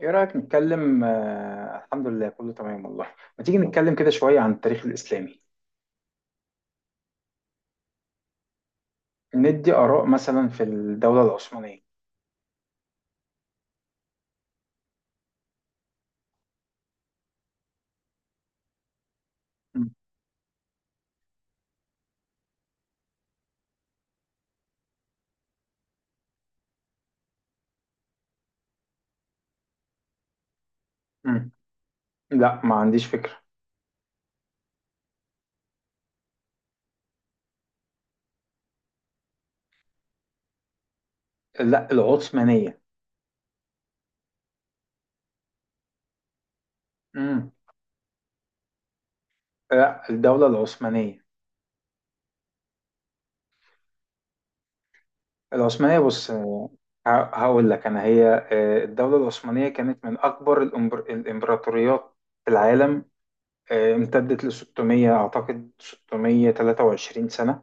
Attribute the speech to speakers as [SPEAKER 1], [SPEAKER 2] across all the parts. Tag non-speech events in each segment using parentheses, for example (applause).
[SPEAKER 1] ايه رأيك نتكلم؟ آه، الحمد لله كله تمام والله. ما تيجي نتكلم كده شوية عن التاريخ الإسلامي؟ ندي آراء مثلا في الدولة العثمانية. مم. مم. لا، ما عنديش فكرة. لا، العثمانية. مم. لا، الدولة العثمانية. العثمانية، بص. هقول لك أنا هي الدولة العثمانية كانت من أكبر الإمبراطوريات في العالم. امتدت ل 600 أعتقد 623 سنة.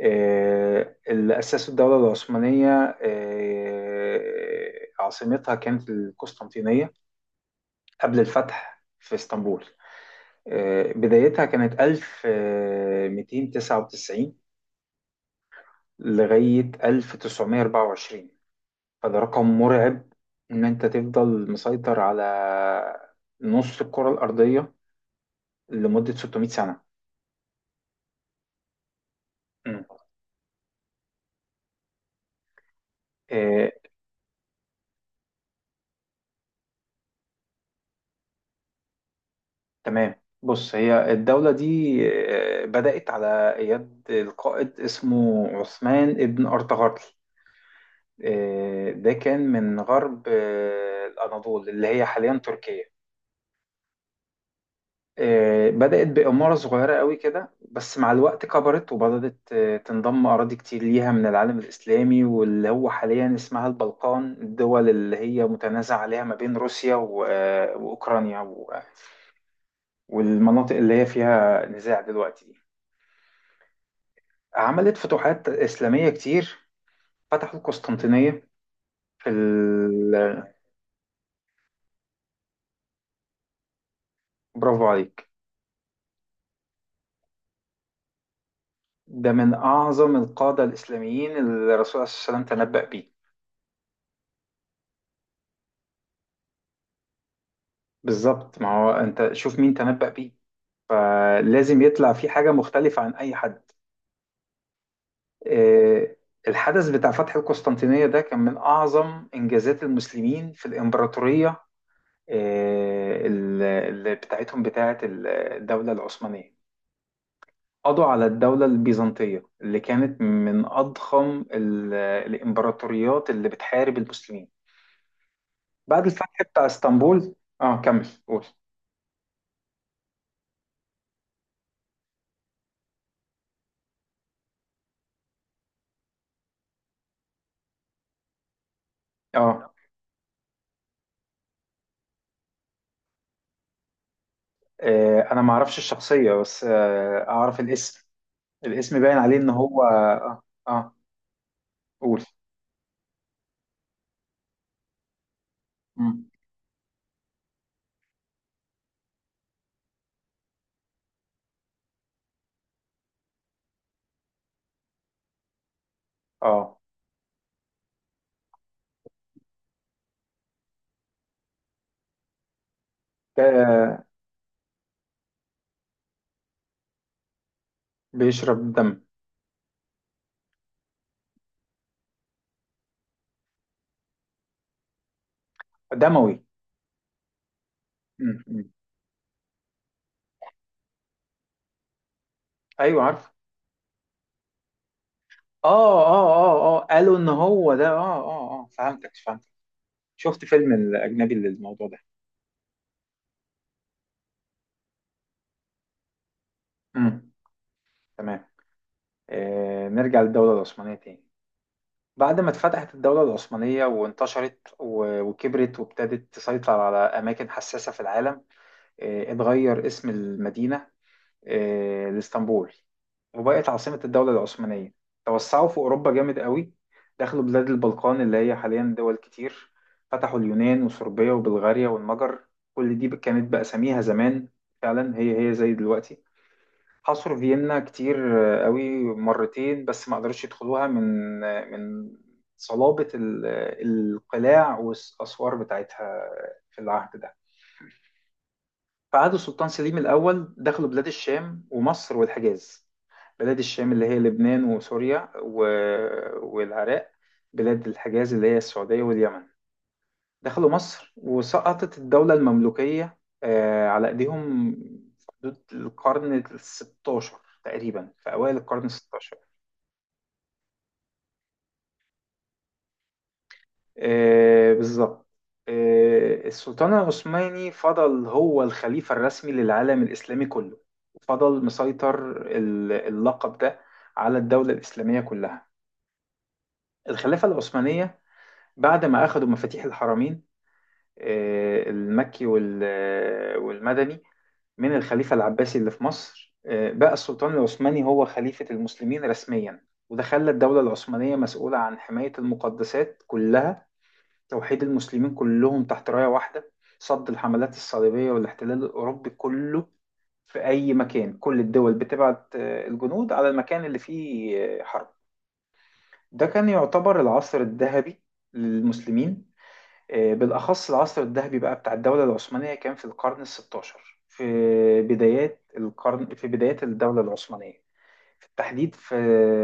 [SPEAKER 1] اللي أسسوا الدولة العثمانية، عاصمتها كانت القسطنطينية قبل الفتح في اسطنبول. بدايتها كانت 1299 لغاية 1924. فده رقم مرعب إن أنت تفضل مسيطر على نص الكرة الأرضية لمدة 600 سنة. مم. تمام. بص هي الدولة دي بدأت على يد القائد اسمه عثمان ابن أرطغرل. ده كان من غرب الأناضول اللي هي حاليا تركيا. بدأت بإمارة صغيرة قوي كده، بس مع الوقت كبرت وبدأت تنضم أراضي كتير ليها من العالم الإسلامي، واللي هو حاليا اسمها البلقان، الدول اللي هي متنازع عليها ما بين روسيا وأوكرانيا والمناطق اللي هي فيها نزاع دلوقتي. عملت فتوحات إسلامية كتير. فتحوا القسطنطينية في (laughs) برافو عليك. ده من أعظم القادة الإسلاميين اللي الرسول عليه الصلاة والسلام تنبأ بيه. بالظبط، ما هو أنت شوف مين تنبأ بيه، فلازم يطلع فيه حاجة مختلفة عن أي حد. آه، الحدث بتاع فتح القسطنطينية ده كان من أعظم إنجازات المسلمين في الإمبراطورية، اللي بتاعتهم بتاعت الدولة العثمانية. قضوا على الدولة البيزنطية اللي كانت من أضخم الإمبراطوريات اللي بتحارب المسلمين بعد الفتح بتاع اسطنبول. اه، كمل قول. اه أنا ما أعرفش الشخصية، بس أعرف الاسم. الاسم باين عليه إن هو قول. مم. اه، ده بيشرب دم. دموي. مم. مم. أيوه، عارف. اه، اه، اه، اه، قالوا إن هو ده، اه، اه، اه، فهمتك فهمتك. شفت فيلم الأجنبي للموضوع ده. مم. تمام. نرجع للدولة العثمانية تاني. بعد ما اتفتحت الدولة العثمانية وانتشرت وكبرت وابتدت تسيطر على أماكن حساسة في العالم. اتغير اسم المدينة لإسطنبول، وبقت عاصمة الدولة العثمانية. توسعوا في أوروبا جامد قوي. دخلوا بلاد البلقان اللي هي حاليا دول كتير. فتحوا اليونان وصربيا وبلغاريا والمجر. كل دي كانت بأساميها زمان. فعلا هي زي دلوقتي. حصروا فيينا كتير قوي مرتين، بس ما قدروش يدخلوها من صلابة القلاع والأسوار بتاعتها في العهد ده. فعهد السلطان سليم الأول دخلوا بلاد الشام ومصر والحجاز. بلاد الشام اللي هي لبنان وسوريا والعراق. بلاد الحجاز اللي هي السعودية واليمن. دخلوا مصر وسقطت الدولة المملوكية على إيديهم في حدود القرن ال 16 تقريبا، في أوائل القرن ال 16. بالظبط. السلطان العثماني فضل هو الخليفة الرسمي للعالم الإسلامي كله وفضل مسيطر. اللقب ده على الدولة الإسلامية كلها، الخلافة العثمانية. بعد ما أخذوا مفاتيح الحرمين، المكي والمدني، من الخليفة العباسي اللي في مصر، بقى السلطان العثماني هو خليفة المسلمين رسميا، وده خلى الدولة العثمانية مسؤولة عن حماية المقدسات كلها. توحيد المسلمين كلهم تحت راية واحدة. صد الحملات الصليبية والاحتلال الأوروبي كله في أي مكان. كل الدول بتبعت الجنود على المكان اللي فيه حرب. ده كان يعتبر العصر الذهبي للمسلمين. بالأخص العصر الذهبي بقى بتاع الدولة العثمانية كان في القرن الستاشر، في بدايات القرن، في بدايات الدولة العثمانية، في التحديد في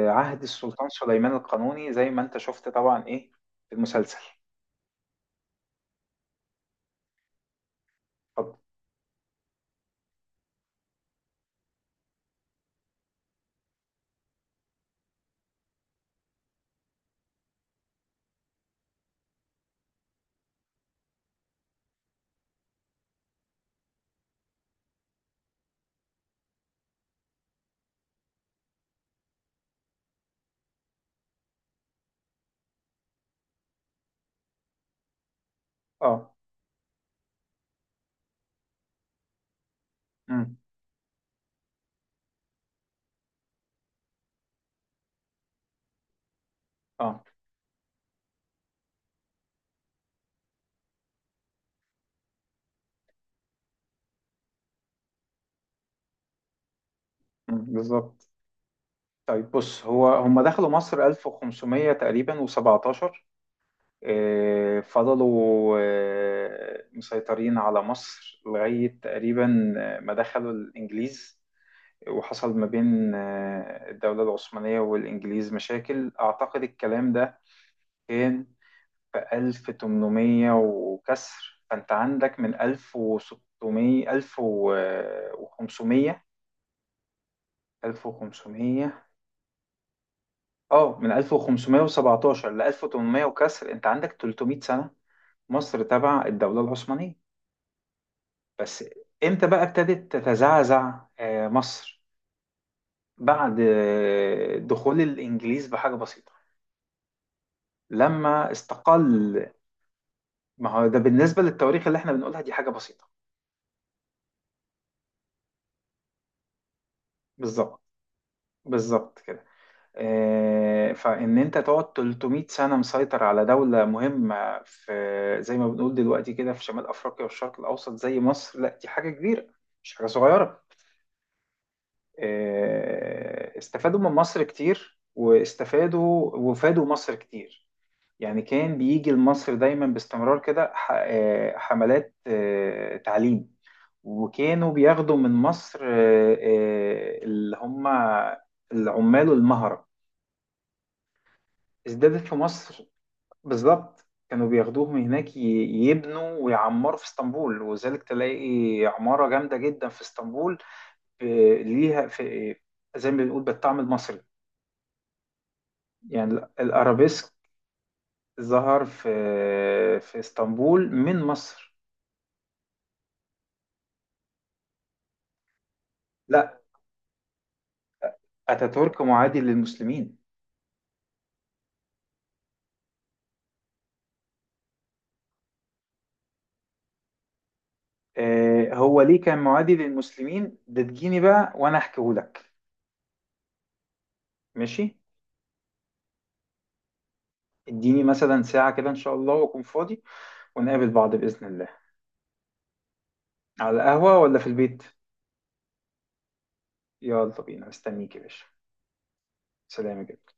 [SPEAKER 1] عهد السلطان سليمان القانوني، زي ما أنت شفت طبعا إيه في المسلسل. اتفضل. اه، اه. مم، بالظبط. طيب، بص هو هم دخلوا مصر 1500 تقريبا و17. فضلوا مسيطرين على مصر لغاية تقريبا ما دخلوا الإنجليز. وحصل ما بين الدولة العثمانية والإنجليز مشاكل. أعتقد الكلام ده كان في 1800 وكسر. فأنت عندك من 1600 1500 1500 اه من 1517 ل 1800 وكسر، انت عندك 300 سنة مصر تبع الدولة العثمانية. بس امتى بقى ابتدت تتزعزع مصر؟ بعد دخول الانجليز بحاجة بسيطة لما استقل. ما هو ده بالنسبة للتواريخ اللي احنا بنقولها دي حاجة بسيطة. بالظبط، بالظبط كده. فإن أنت تقعد 300 سنة مسيطر على دولة مهمة في زي ما بنقول دلوقتي كده في شمال أفريقيا والشرق الأوسط زي مصر، لا دي حاجة كبيرة، مش حاجة صغيرة. استفادوا من مصر كتير واستفادوا وفادوا مصر كتير. يعني كان بيجي لمصر دايما باستمرار كده حملات تعليم. وكانوا بياخدوا من مصر اللي هم العمال المهرة. ازدادت في مصر. بالظبط كانوا بياخدوهم هناك يبنوا ويعمروا في اسطنبول. وذلك تلاقي عمارة جامدة جدا في اسطنبول ب- ليها في زي ما بنقول بالطعم المصري. يعني الأرابيسك ظهر في اسطنبول من مصر. لا، أتاتورك معادي للمسلمين. هو ليه كان معادي للمسلمين ده، تجيني بقى وأنا أحكيهولك. ماشي. اديني مثلا ساعة كده إن شاء الله وأكون فاضي، ونقابل بعض بإذن الله. على القهوة ولا في البيت؟ يلا بينا، مستنيك يا باشا. سلام يا جدع.